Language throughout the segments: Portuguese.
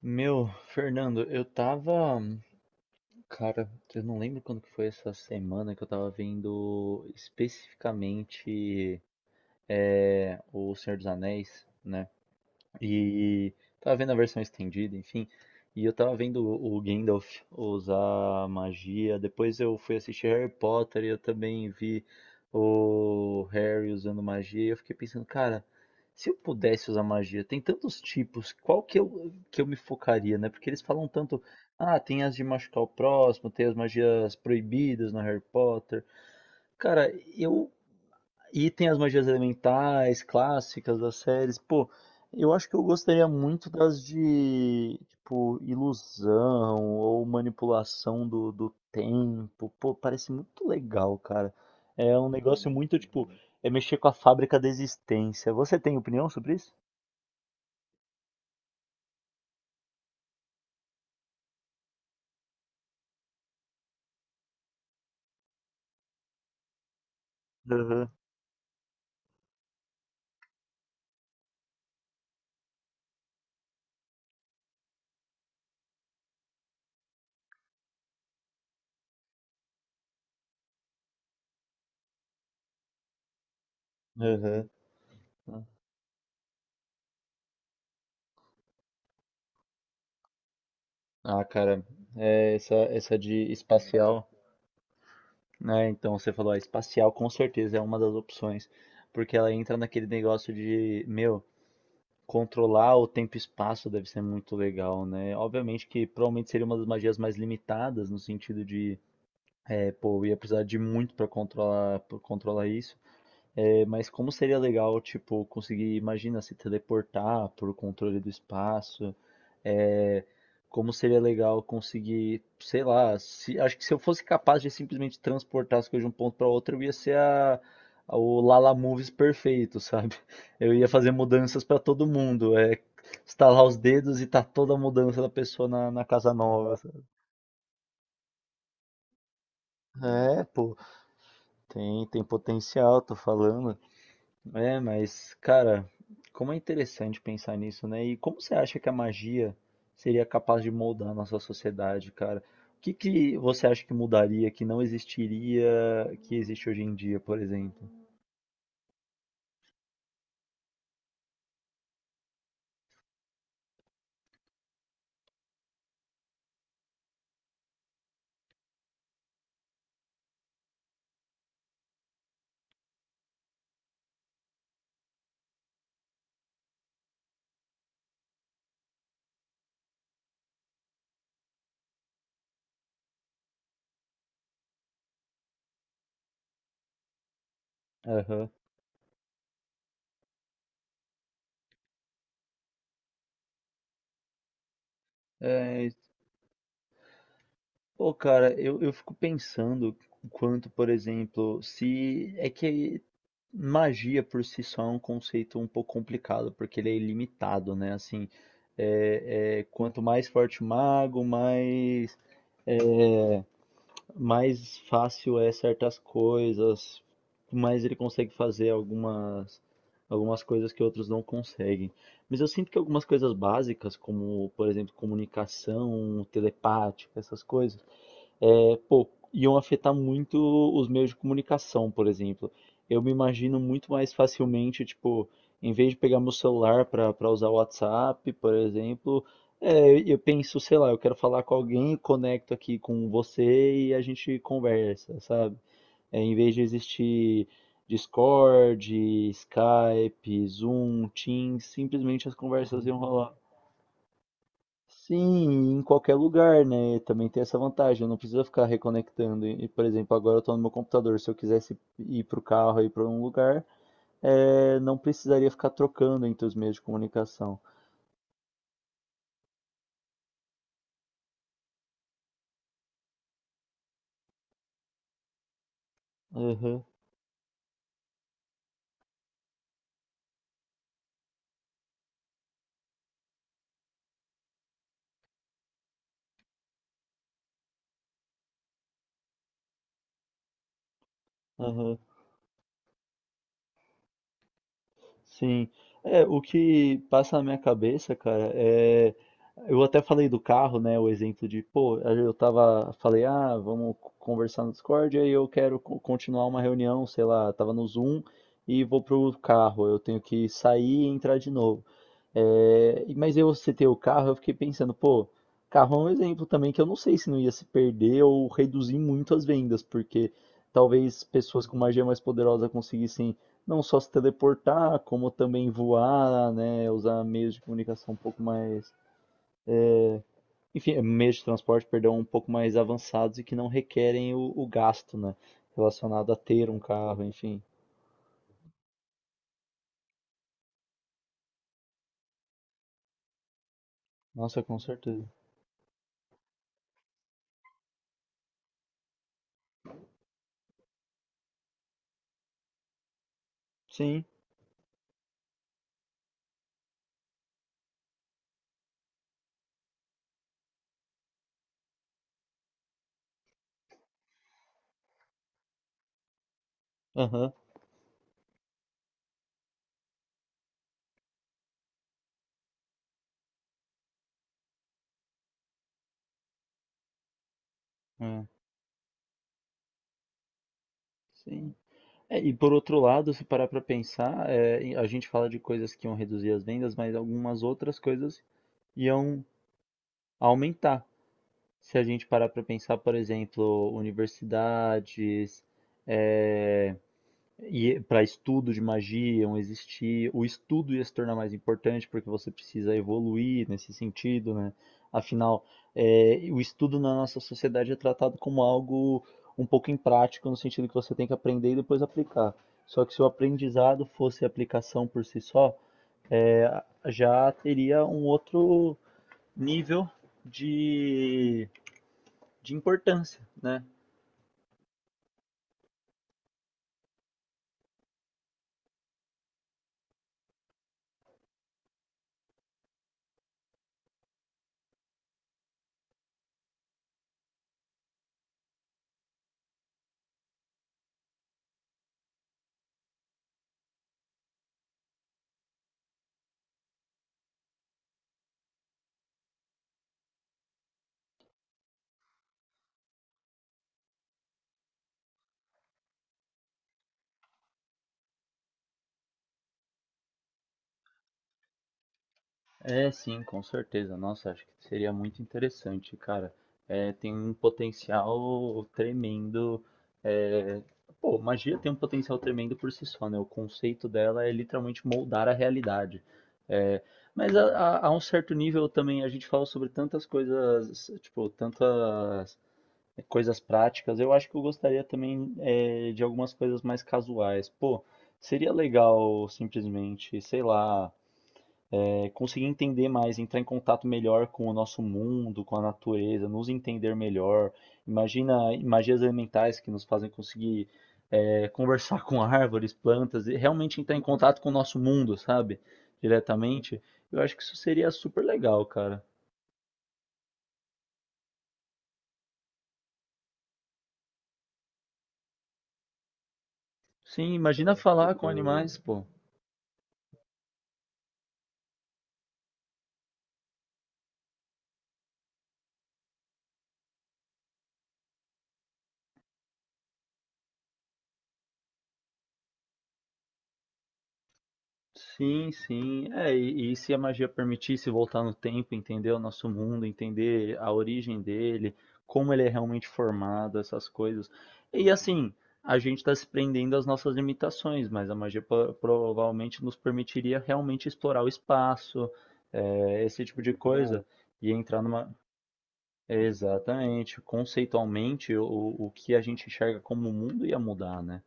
Meu, Fernando, eu tava. Cara, eu não lembro quando que foi essa semana que eu tava vendo especificamente O Senhor dos Anéis, né? E tava vendo a versão estendida, enfim. E eu tava vendo o Gandalf usar magia. Depois eu fui assistir Harry Potter e eu também vi o Harry usando magia. E eu fiquei pensando, cara, se eu pudesse usar magia, tem tantos tipos, que eu me focaria, né? Porque eles falam tanto, ah, tem as de machucar o próximo, tem as magias proibidas no Harry Potter. Cara, eu e tem as magias elementais clássicas das séries. Pô, eu acho que eu gostaria muito das de, tipo, ilusão ou manipulação do tempo. Pô, parece muito legal, cara. É um negócio muito, tipo, é mexer com a fábrica da existência. Você tem opinião sobre isso? Aham, aham. Ah, cara, é essa de espacial, né? Então você falou, ah, espacial com certeza é uma das opções, porque ela entra naquele negócio de, meu. Controlar o tempo e espaço deve ser muito legal, né? Obviamente que provavelmente seria uma das magias mais limitadas, no sentido de, pô, eu ia precisar de muito pra controlar isso. É, mas como seria legal, tipo, conseguir, imagina, se teleportar por controle do espaço. é, Como seria legal conseguir, sei lá, acho que se eu fosse capaz de simplesmente transportar as coisas de um ponto para outro, eu ia ser o Lala Moves perfeito, sabe? Eu ia fazer mudanças para todo mundo, é, estalar os dedos e tá toda a mudança da pessoa na casa nova. Sabe? É, pô, tem, tem potencial, tô falando. É, mas, cara, como é interessante pensar nisso, né? E como você acha que a magia seria capaz de moldar a nossa sociedade, cara? O que que você acha que mudaria, que não existiria, que existe hoje em dia, por exemplo? Aham. É, pô, cara, eu fico pensando o quanto, por exemplo, se é que magia por si só é um conceito um pouco complicado, porque ele é ilimitado, né? Assim, quanto mais forte o mago, mais fácil é certas coisas, mas ele consegue fazer algumas, algumas coisas que outros não conseguem. Mas eu sinto que algumas coisas básicas, como, por exemplo, comunicação telepática, essas coisas, é, pô, iam afetar muito os meios de comunicação, por exemplo. Eu me imagino muito mais facilmente, tipo, em vez de pegar meu celular para usar o WhatsApp, por exemplo, é, eu penso, sei lá, eu quero falar com alguém, conecto aqui com você e a gente conversa, sabe? É, em vez de existir Discord, Skype, Zoom, Teams, simplesmente as conversas iam rolar. Sim, em qualquer lugar, né? Também tem essa vantagem, eu não preciso ficar reconectando. E, por exemplo, agora eu estou no meu computador. Se eu quisesse ir para o carro, ir para um lugar, não precisaria ficar trocando entre os meios de comunicação. Uhum, uhum. Sim. É, o que passa na minha cabeça, cara, é. Eu até falei do carro, né? O exemplo de, pô, eu tava. Falei, ah, vamos conversar no Discord, aí eu quero continuar uma reunião, sei lá, tava no Zoom e vou pro carro. Eu tenho que sair e entrar de novo. É, mas eu citei o carro, eu fiquei pensando, pô, carro é um exemplo também que eu não sei se não ia se perder ou reduzir muito as vendas, porque talvez pessoas com magia mais poderosa conseguissem não só se teleportar, como também voar, né? Usar meios de comunicação um pouco mais. Enfim, meios de transporte, perdão, um pouco mais avançados e que não requerem o gasto, né? Relacionado a ter um carro, enfim. Nossa, com certeza. Sim, aham, é, sim. É, e por outro lado, se parar para pensar, é, a gente fala de coisas que iam reduzir as vendas, mas algumas outras coisas iam aumentar. Se a gente parar para pensar, por exemplo, universidades, é, e para estudo de magia iam existir, o estudo ia se tornar mais importante porque você precisa evoluir nesse sentido, né? Afinal, é, o estudo na nossa sociedade é tratado como algo um pouco imprático, no sentido que você tem que aprender e depois aplicar. Só que se o aprendizado fosse aplicação por si só, é, já teria um outro nível de, de importância, né? É, sim, com certeza. Nossa, acho que seria muito interessante, cara. É, tem um potencial tremendo. é, Pô, magia tem um potencial tremendo por si só, né? O conceito dela é literalmente moldar a realidade. É, Mas a um certo nível também a gente fala sobre tantas coisas, tipo, tantas coisas práticas. Eu acho que eu gostaria também de algumas coisas mais casuais. Pô, seria legal simplesmente, sei lá, é, conseguir entender mais, entrar em contato melhor com o nosso mundo, com a natureza, nos entender melhor. Imagina magias elementais que nos fazem conseguir é, conversar com árvores, plantas, e realmente entrar em contato com o nosso mundo, sabe? Diretamente. Eu acho que isso seria super legal, cara. Sim, imagina falar com animais, pô. Sim, sim. É, e se a magia permitisse voltar no tempo, entender o nosso mundo, entender a origem dele, como ele é realmente formado, essas coisas. E assim, a gente está se prendendo às nossas limitações, mas a magia provavelmente nos permitiria realmente explorar o espaço, é, esse tipo de é, coisa, e entrar numa. Exatamente. Conceitualmente, o que a gente enxerga como mundo ia mudar, né?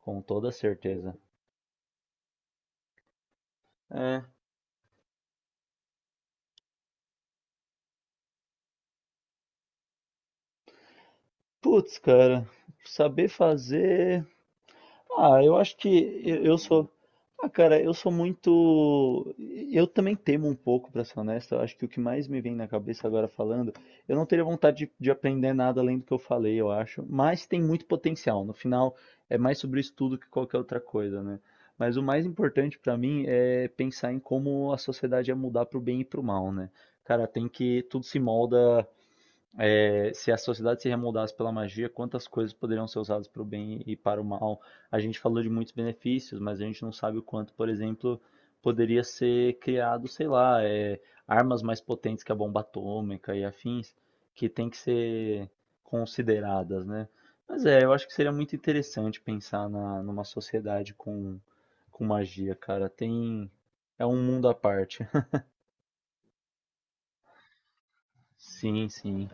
Com toda certeza. É. Putz, cara, saber fazer. Ah, eu acho que eu sou. Ah, cara, eu sou muito. Eu também temo um pouco, pra ser honesto. Eu acho que o que mais me vem na cabeça agora falando, eu não teria vontade de aprender nada além do que eu falei, eu acho. Mas tem muito potencial. No final, é mais sobre isso tudo que qualquer outra coisa, né? Mas o mais importante pra mim é pensar em como a sociedade ia mudar pro bem e pro mal, né? Cara, tem que tudo se molda é, se a sociedade se remoldasse pela magia, quantas coisas poderiam ser usadas para o bem e para o mal? A gente falou de muitos benefícios, mas a gente não sabe o quanto, por exemplo, poderia ser criado, sei lá, é, armas mais potentes que a bomba atômica e afins, que tem que ser consideradas, né? Mas é, eu acho que seria muito interessante pensar numa sociedade com magia, cara. Tem, é um mundo à parte. Sim, sim.